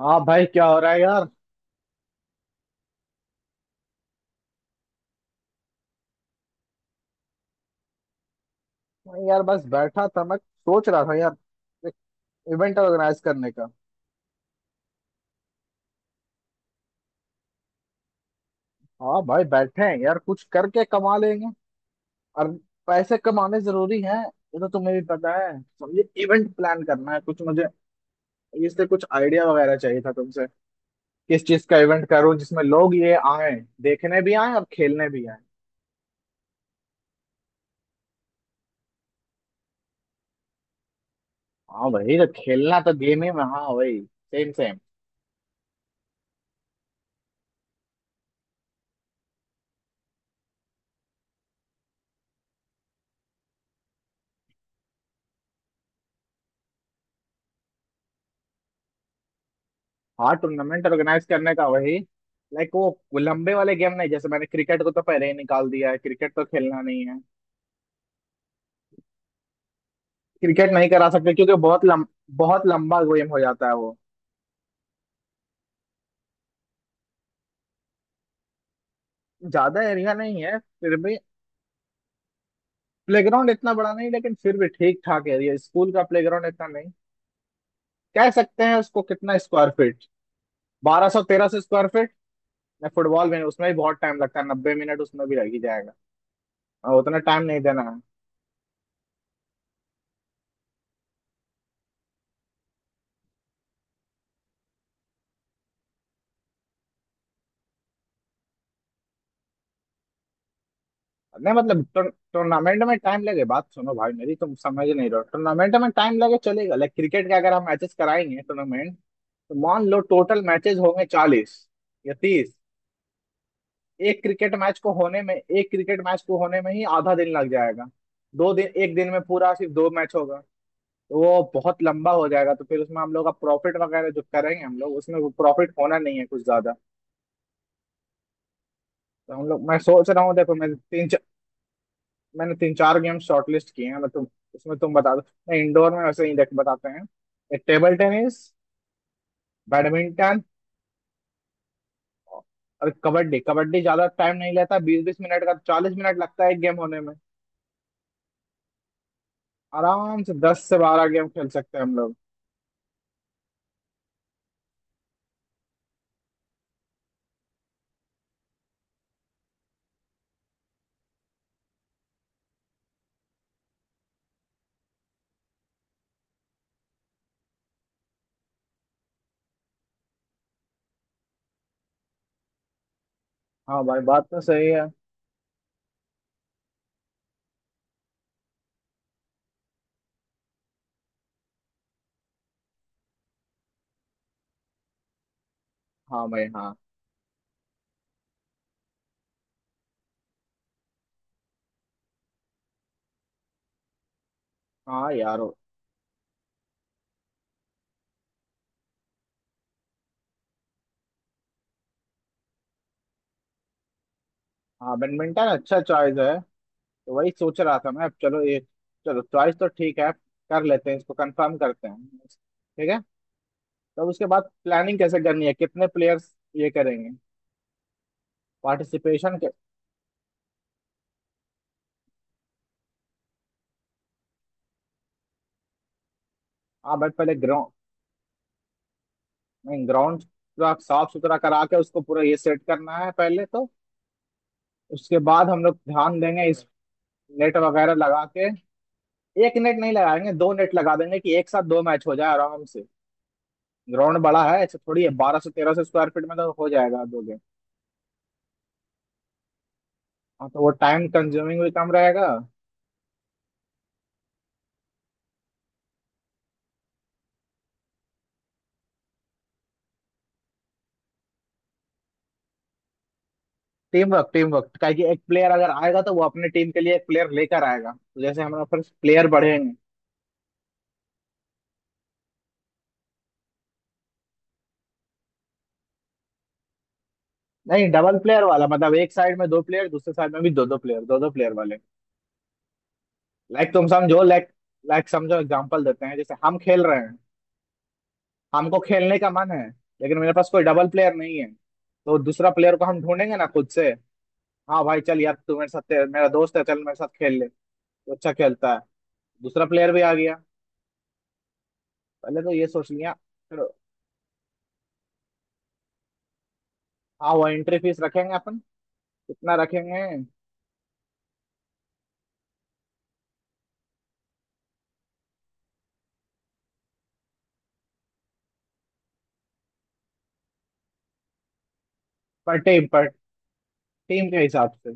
हाँ भाई, क्या हो रहा है यार। मैं यार बस बैठा था, मैं सोच रहा था यार एक इवेंट ऑर्गेनाइज करने का। हाँ भाई, बैठे हैं यार, कुछ करके कमा लेंगे। और पैसे कमाने जरूरी हैं, ये तो तुम्हें भी पता है, समझे, इवेंट प्लान करना है कुछ मुझे। इससे कुछ आइडिया वगैरह चाहिए था तुमसे। किस चीज का इवेंट करूं जिसमें लोग ये आए, देखने भी आए और खेलने भी आए। हाँ भाई, तो खेलना तो गेम ही में, हाँ भाई। Same same. हाँ, टूर्नामेंट ऑर्गेनाइज करने का वही, लाइक वो लंबे वाले गेम नहीं। जैसे मैंने क्रिकेट को तो पहले ही निकाल दिया है, क्रिकेट तो खेलना नहीं है। क्रिकेट नहीं करा सकते क्योंकि बहुत बहुत लंबा गेम हो जाता है वो। ज्यादा एरिया नहीं है, फिर भी। प्लेग्राउंड इतना बड़ा नहीं, लेकिन फिर भी ठीक ठाक एरिया। स्कूल का प्लेग्राउंड इतना नहीं कह सकते हैं उसको। कितना square feet? 1200-1300 square feet. Football में, उसमें भी बहुत टाइम लगता है, 90 मिनट उसमें भी लग ही जाएगा। और उतना टाइम नहीं देना है। नहीं, मतलब टूर्नामेंट में टाइम लगे, बात सुनो भाई मेरी, तुम समझ नहीं रहे हो। टूर्नामेंट में टाइम लगे चलेगा, लाइक क्रिकेट के अगर हम मैचेस कराएंगे टूर्नामेंट, तो मान लो टोटल मैचेस होंगे 40 या 30। एक क्रिकेट मैच को होने में ही आधा दिन लग जाएगा। दो दिन, एक दिन में पूरा सिर्फ दो मैच होगा। तो वो बहुत लंबा हो जाएगा। तो फिर उसमें हम लोग का प्रॉफिट वगैरह जो करेंगे हम लोग, उसमें वो प्रॉफिट होना नहीं है कुछ ज्यादा। तो हम लोग, मैं सोच रहा हूँ, देखो, मैंने तीन चार गेम शॉर्टलिस्ट किए हैं, मतलब उसमें तुम बता दो। मैं इंडोर में वैसे ही देख, बताते हैं, टेबल टेनिस, बैडमिंटन और कबड्डी। कबड्डी ज्यादा टाइम नहीं लेता, 20-20 मिनट का, 40 मिनट लगता है एक गेम होने में। आराम से 10 से 12 गेम खेल सकते हैं हम लोग। हाँ भाई, बात तो सही है। हाँ भाई, हाँ। हाँ यार। हाँ, बैडमिंटन अच्छा चॉइस है। तो वही सोच रहा था मैं। अब चलो ये, चलो चॉइस तो ठीक है, कर लेते हैं, इसको कंफर्म करते हैं, ठीक है। तब उसके बाद प्लानिंग कैसे करनी है, कितने प्लेयर्स ये करेंगे पार्टिसिपेशन के। हाँ, बट पहले ग्राउंड, ग्राउंड पूरा साफ सुथरा करा के उसको पूरा ये सेट करना है पहले तो। उसके बाद हम लोग ध्यान देंगे इस। नेट वगैरह लगा के, एक नेट नहीं लगाएंगे, दो नेट लगा देंगे कि एक साथ दो मैच हो जाए आराम से। ग्राउंड बड़ा है ऐसे थोड़ी है, 1200-1300 स्क्वायर फीट में तो हो जाएगा दो गेम। हाँ, तो वो टाइम कंज्यूमिंग भी कम रहेगा। टीम वर्क, टीम वर्क क्या कि एक प्लेयर अगर आएगा तो वो अपने टीम के लिए एक प्लेयर लेकर आएगा, तो जैसे हमारे पास प्लेयर बढ़ेंगे। नहीं, डबल प्लेयर वाला, मतलब एक साइड में दो प्लेयर, दूसरे साइड में भी दो दो प्लेयर, दो दो प्लेयर वाले। लाइक तुम समझो, लाइक लाइक समझो, एग्जांपल देते हैं, जैसे हम खेल रहे हैं। हमको खेलने का मन है, लेकिन मेरे पास कोई डबल प्लेयर नहीं है, तो दूसरा प्लेयर को हम ढूंढेंगे ना खुद से। हाँ भाई, चल यार तू मेरे साथ, मेरा दोस्त है, चल मेरे साथ खेल ले। तो अच्छा खेलता है, दूसरा प्लेयर भी आ गया। पहले तो ये सोच लिया। फिर हाँ, वो एंट्री फीस रखेंगे अपन। कितना रखेंगे? पर टीम, पर टीम के हिसाब से।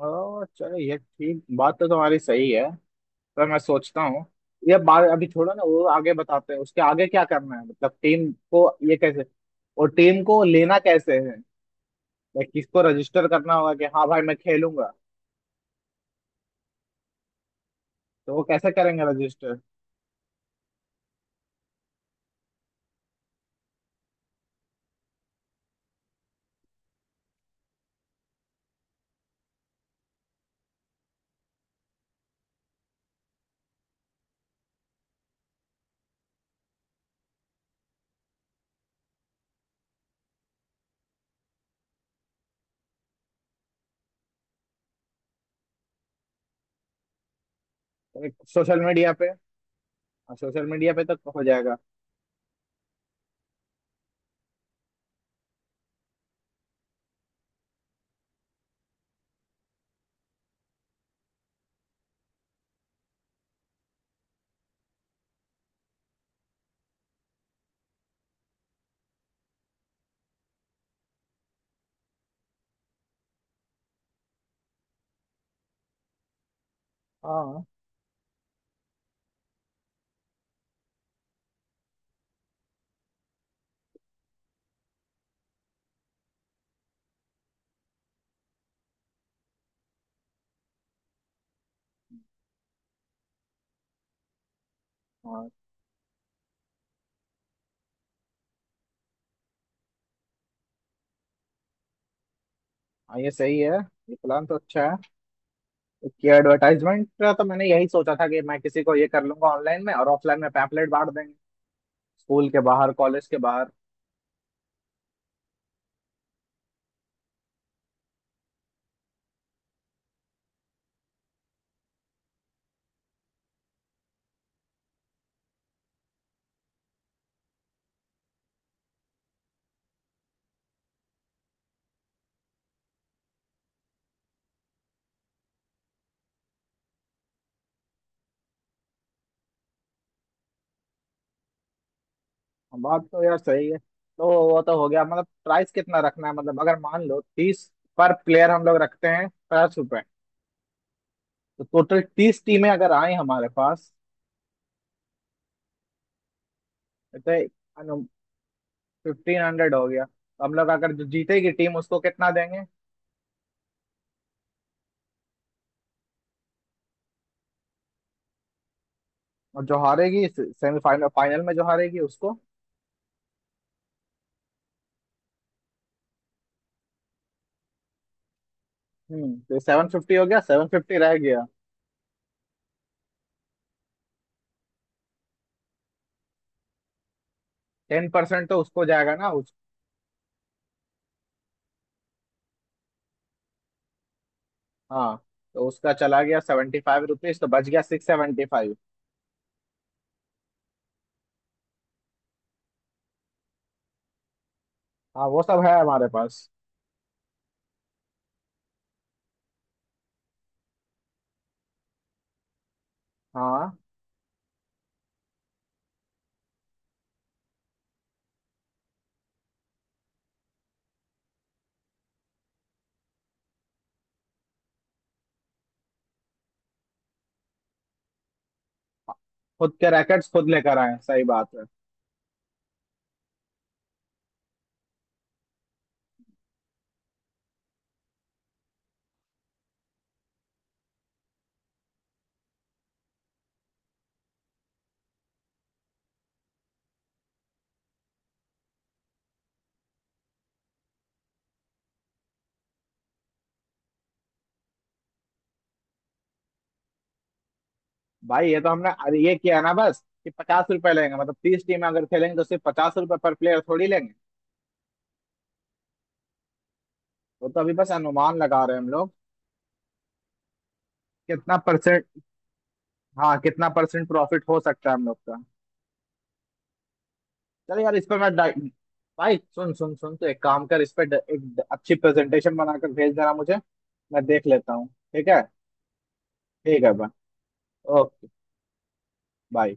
ओ चलो, ये ठीक, बात तो तुम्हारी सही है सर, मैं सोचता हूँ। ये बात अभी छोड़ो ना, वो आगे बताते हैं, उसके आगे क्या करना है। मतलब टीम को ये कैसे, और टीम को लेना कैसे है, लाइक किसको रजिस्टर करना होगा कि हाँ भाई, मैं खेलूंगा। तो वो कैसे करेंगे रजिस्टर? एक सोशल मीडिया पे। हाँ, सोशल मीडिया पे तो हो जाएगा। हाँ। हाँ। हाँ, ये सही है। ये प्लान तो अच्छा है, कि एडवर्टाइजमेंट का तो मैंने यही सोचा था कि मैं किसी को ये कर लूंगा ऑनलाइन में, और ऑफलाइन में पैम्फलेट बांट देंगे, स्कूल के बाहर, कॉलेज के बाहर। बात तो यार सही है। तो वो तो हो गया, मतलब प्राइस कितना रखना है। मतलब अगर मान लो 30 पर प्लेयर हम लोग रखते हैं, 50 रुपए। तो टोटल 30 टीमें अगर आए हमारे पास। तो 1500 हो गया, तो हम लोग अगर, जो जीतेगी टीम उसको कितना देंगे। और जो हारेगी सेमीफाइनल, फाइनल में जो हारेगी उसको? तो 750 हो गया, 750 रह गया। 10% तो उसको जाएगा ना, उस। हाँ, तो उसका चला गया 75 रुपीज, तो बच गया 675। हाँ, वो सब है हमारे पास। हाँ, खुद के रैकेट्स खुद लेकर आए, सही बात है। भाई, ये तो हमने अरे ये किया ना बस कि 50 रुपए लेंगे। मतलब 30 टीम अगर खेलेंगे तो सिर्फ 50 रुपए पर प्लेयर थोड़ी लेंगे। वो तो अभी बस अनुमान लगा रहे हैं हम लोग। कितना परसेंट? हाँ, कितना परसेंट प्रॉफिट हो सकता है हम लोग का। चल यार, इस पर भाई सुन सुन सुन, तो एक काम कर, इस पर अच्छी प्रेजेंटेशन बनाकर भेज देना मुझे। मैं देख लेता हूँ, ठीक है। ठीक है भाई, ओके। बाय।